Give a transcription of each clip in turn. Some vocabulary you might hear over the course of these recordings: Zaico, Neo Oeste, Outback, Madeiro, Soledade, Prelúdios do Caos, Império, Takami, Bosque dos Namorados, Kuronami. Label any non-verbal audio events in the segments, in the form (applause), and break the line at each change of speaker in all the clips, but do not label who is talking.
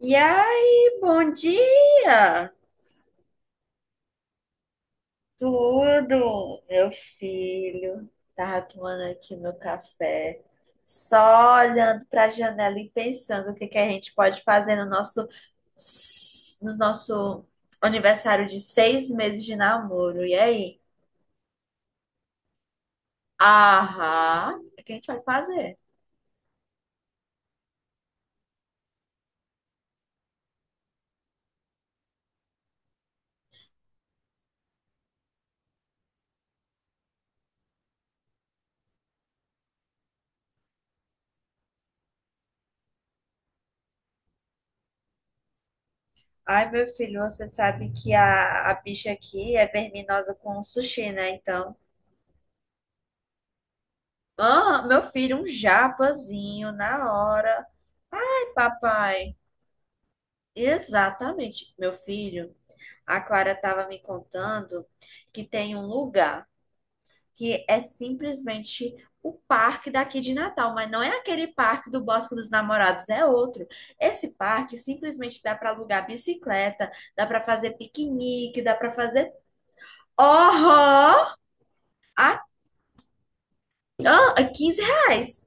E aí, bom dia! Tudo, meu filho. Tava tomando aqui meu café, só olhando para a janela e pensando o que que a gente pode fazer no nosso aniversário de 6 meses de namoro. E aí? Aham, o que a gente vai fazer? Ai, meu filho, você sabe que a bicha aqui é verminosa com sushi, né? Então. Ah, meu filho, um japazinho na hora. Papai, exatamente, meu filho. A Clara estava me contando que tem um lugar que é simplesmente o parque daqui de Natal, mas não é aquele parque do Bosque dos Namorados, é outro. Esse parque simplesmente dá para alugar bicicleta, dá para fazer piquenique, dá para fazer. Oh, a R$ 15.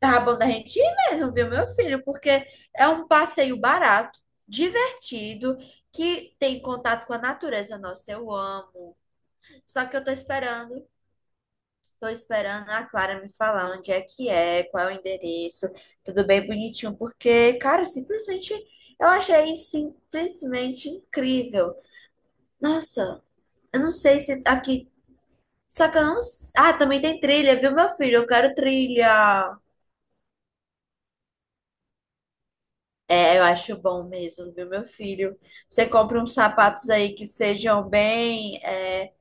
Tá bom da gente ir mesmo, viu, meu filho? Porque é um passeio barato, divertido, que tem contato com a natureza. Nossa, eu amo. Só que eu tô esperando a Clara me falar onde é que é, qual é o endereço, tudo bem bonitinho, porque, cara, simplesmente eu achei simplesmente incrível. Nossa, eu não sei se aqui. Só que eu não. Ah, também tem trilha, viu, meu filho? Eu quero trilha. É, eu acho bom mesmo, viu, meu filho? Você compra uns sapatos aí que sejam bem.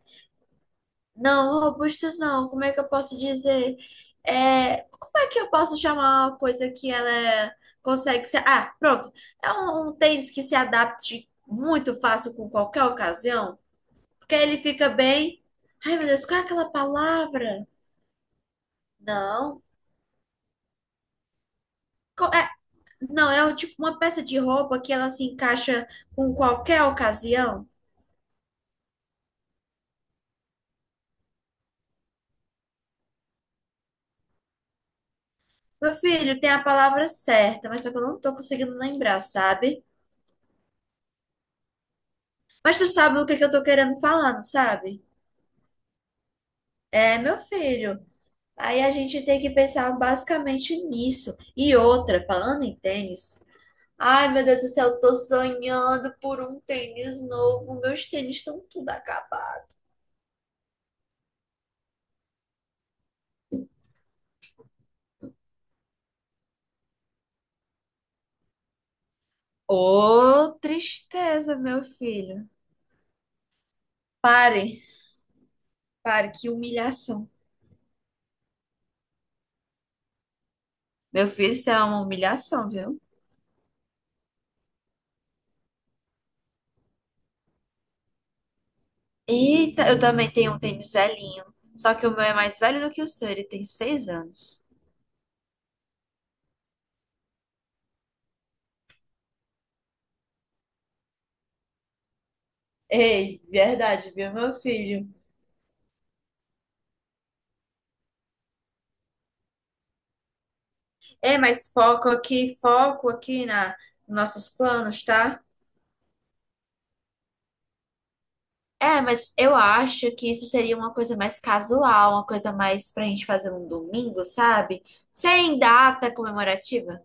Não, robustos não. Como é que eu posso dizer? É, como é que eu posso chamar uma coisa que ela consegue se. Ah, pronto. É um tênis que se adapte muito fácil com qualquer ocasião, porque ele fica bem. Ai, meu Deus, qual é aquela palavra? Não. Co- é- Não, é um tipo uma peça de roupa que ela se encaixa com qualquer ocasião. Meu filho, tem a palavra certa, mas só que eu não tô conseguindo lembrar, sabe? Mas tu sabe o que que eu tô querendo falar, não sabe? É, meu filho. Aí a gente tem que pensar basicamente nisso. E outra, falando em tênis. Ai, meu Deus do céu, eu tô sonhando por um tênis novo. Meus tênis estão tudo acabados. Ô, tristeza, meu filho. Pare, pare, que humilhação. Meu filho, isso é uma humilhação, viu? Eita, eu também tenho um tênis velhinho. Só que o meu é mais velho do que o seu, ele tem 6 anos. Ei, verdade, viu, meu filho? É, mas foco aqui na nos nossos planos, tá? É, mas eu acho que isso seria uma coisa mais casual, uma coisa mais pra gente fazer um domingo, sabe? Sem data comemorativa.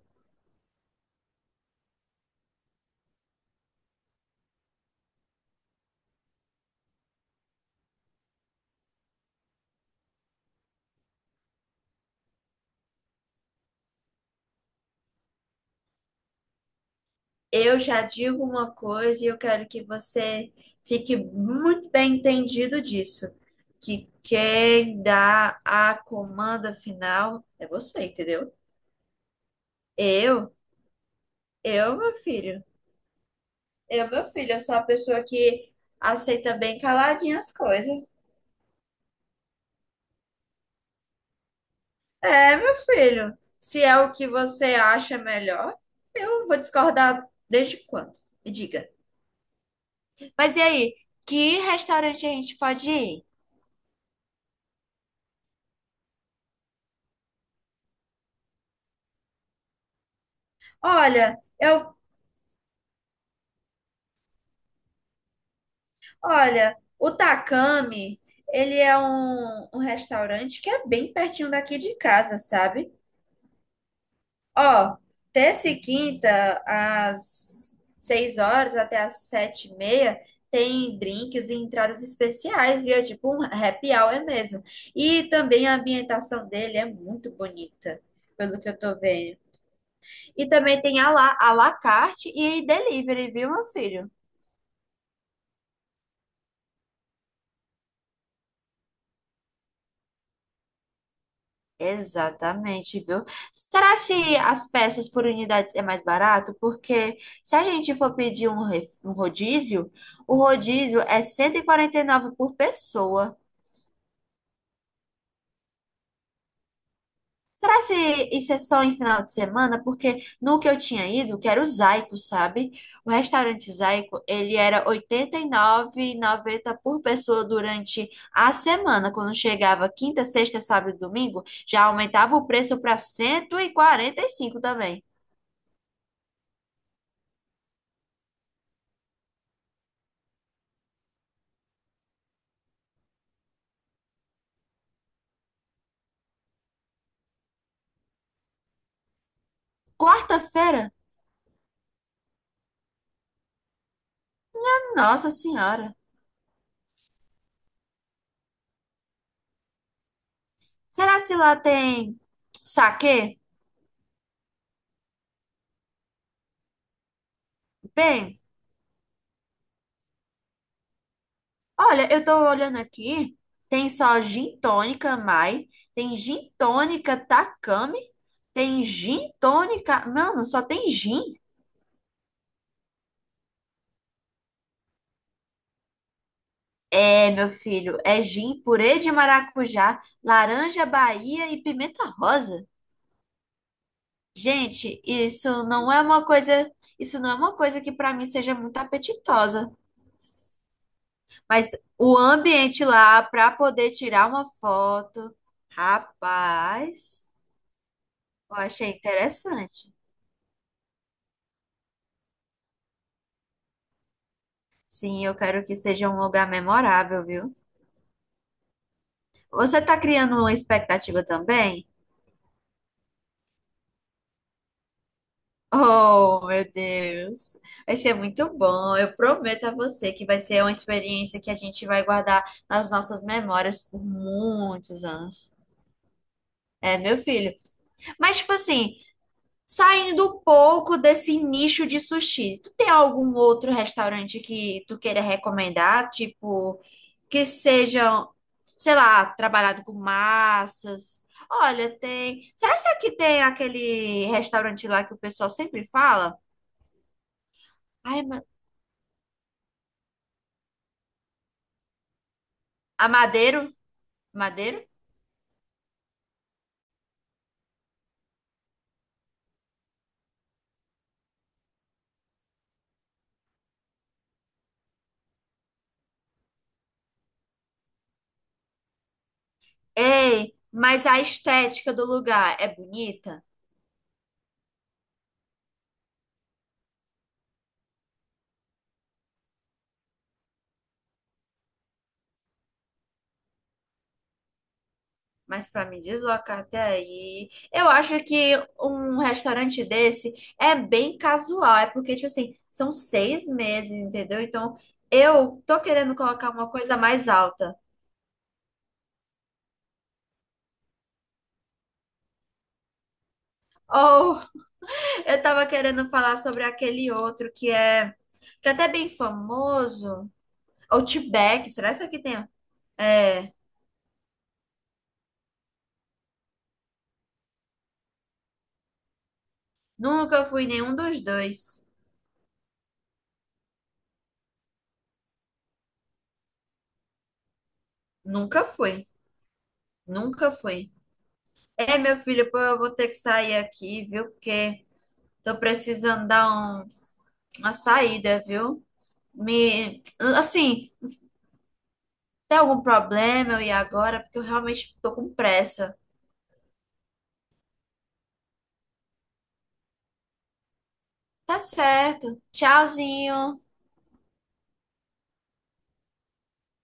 Eu já digo uma coisa e eu quero que você fique muito bem entendido disso, que quem dá a comanda final é você, entendeu? Eu, eu, meu filho, eu, meu filho, eu sou a pessoa que aceita bem caladinha as coisas. É, meu filho, se é o que você acha melhor, eu vou discordar desde quando? Me diga. Mas e aí, que restaurante a gente pode ir? Olha, eu Olha, o Takami, ele é um restaurante que é bem pertinho daqui de casa, sabe? Ó, terça e quinta, às 6 horas até às 7h30, tem drinks e entradas especiais, viu? É tipo um happy hour mesmo. E também a ambientação dele é muito bonita, pelo que eu tô vendo. E também tem à la carte e delivery, viu, meu filho? Exatamente, viu? Será se as peças por unidades é mais barato? Porque se a gente for pedir um rodízio, o rodízio é cento e quarenta e nove por pessoa. Será se isso é só em final de semana? Porque no que eu tinha ido, que era o Zaico, sabe? O restaurante Zaico, ele era 89,90 por pessoa durante a semana. Quando chegava quinta, sexta, sábado e domingo, já aumentava o preço para cento e quarenta e cinco também. Quarta-feira? Nossa Senhora. Será se lá tem saquê? Bem, olha, eu tô olhando aqui. Tem só gin tônica Mai, tem gin tônica Takami, tem gin tônica. Mano, só tem gin. É, meu filho, é gin, purê de maracujá, laranja Bahia e pimenta rosa. Gente, isso não é uma coisa que pra mim seja muito apetitosa. Mas o ambiente lá para poder tirar uma foto, rapaz, eu achei interessante. Sim, eu quero que seja um lugar memorável, viu? Você tá criando uma expectativa também? Oh, meu Deus. Vai ser muito bom. Eu prometo a você que vai ser uma experiência que a gente vai guardar nas nossas memórias por muitos anos. É, meu filho. Mas, tipo assim, saindo um pouco desse nicho de sushi, tu tem algum outro restaurante que tu queira recomendar? Tipo, que sejam, sei lá, trabalhado com massas. Olha, tem. Será que aqui tem aquele restaurante lá que o pessoal sempre fala? Ai, ma- a Madeiro? Madeiro? Ei, mas a estética do lugar é bonita? Mas para me deslocar até aí, eu acho que um restaurante desse é bem casual, é porque, tipo assim, são 6 meses, entendeu? Então, eu tô querendo colocar uma coisa mais alta. Ou (laughs) eu tava querendo falar sobre aquele outro que é até bem famoso, Outback, será que isso aqui tem? É, nunca fui em nenhum dos dois. Nunca fui, nunca fui. É, meu filho, pô, eu vou ter que sair aqui, viu? Porque tô precisando dar um- uma saída, viu? Me, assim, tem algum problema eu ir agora? Porque eu realmente tô com pressa. Tá certo. Tchauzinho.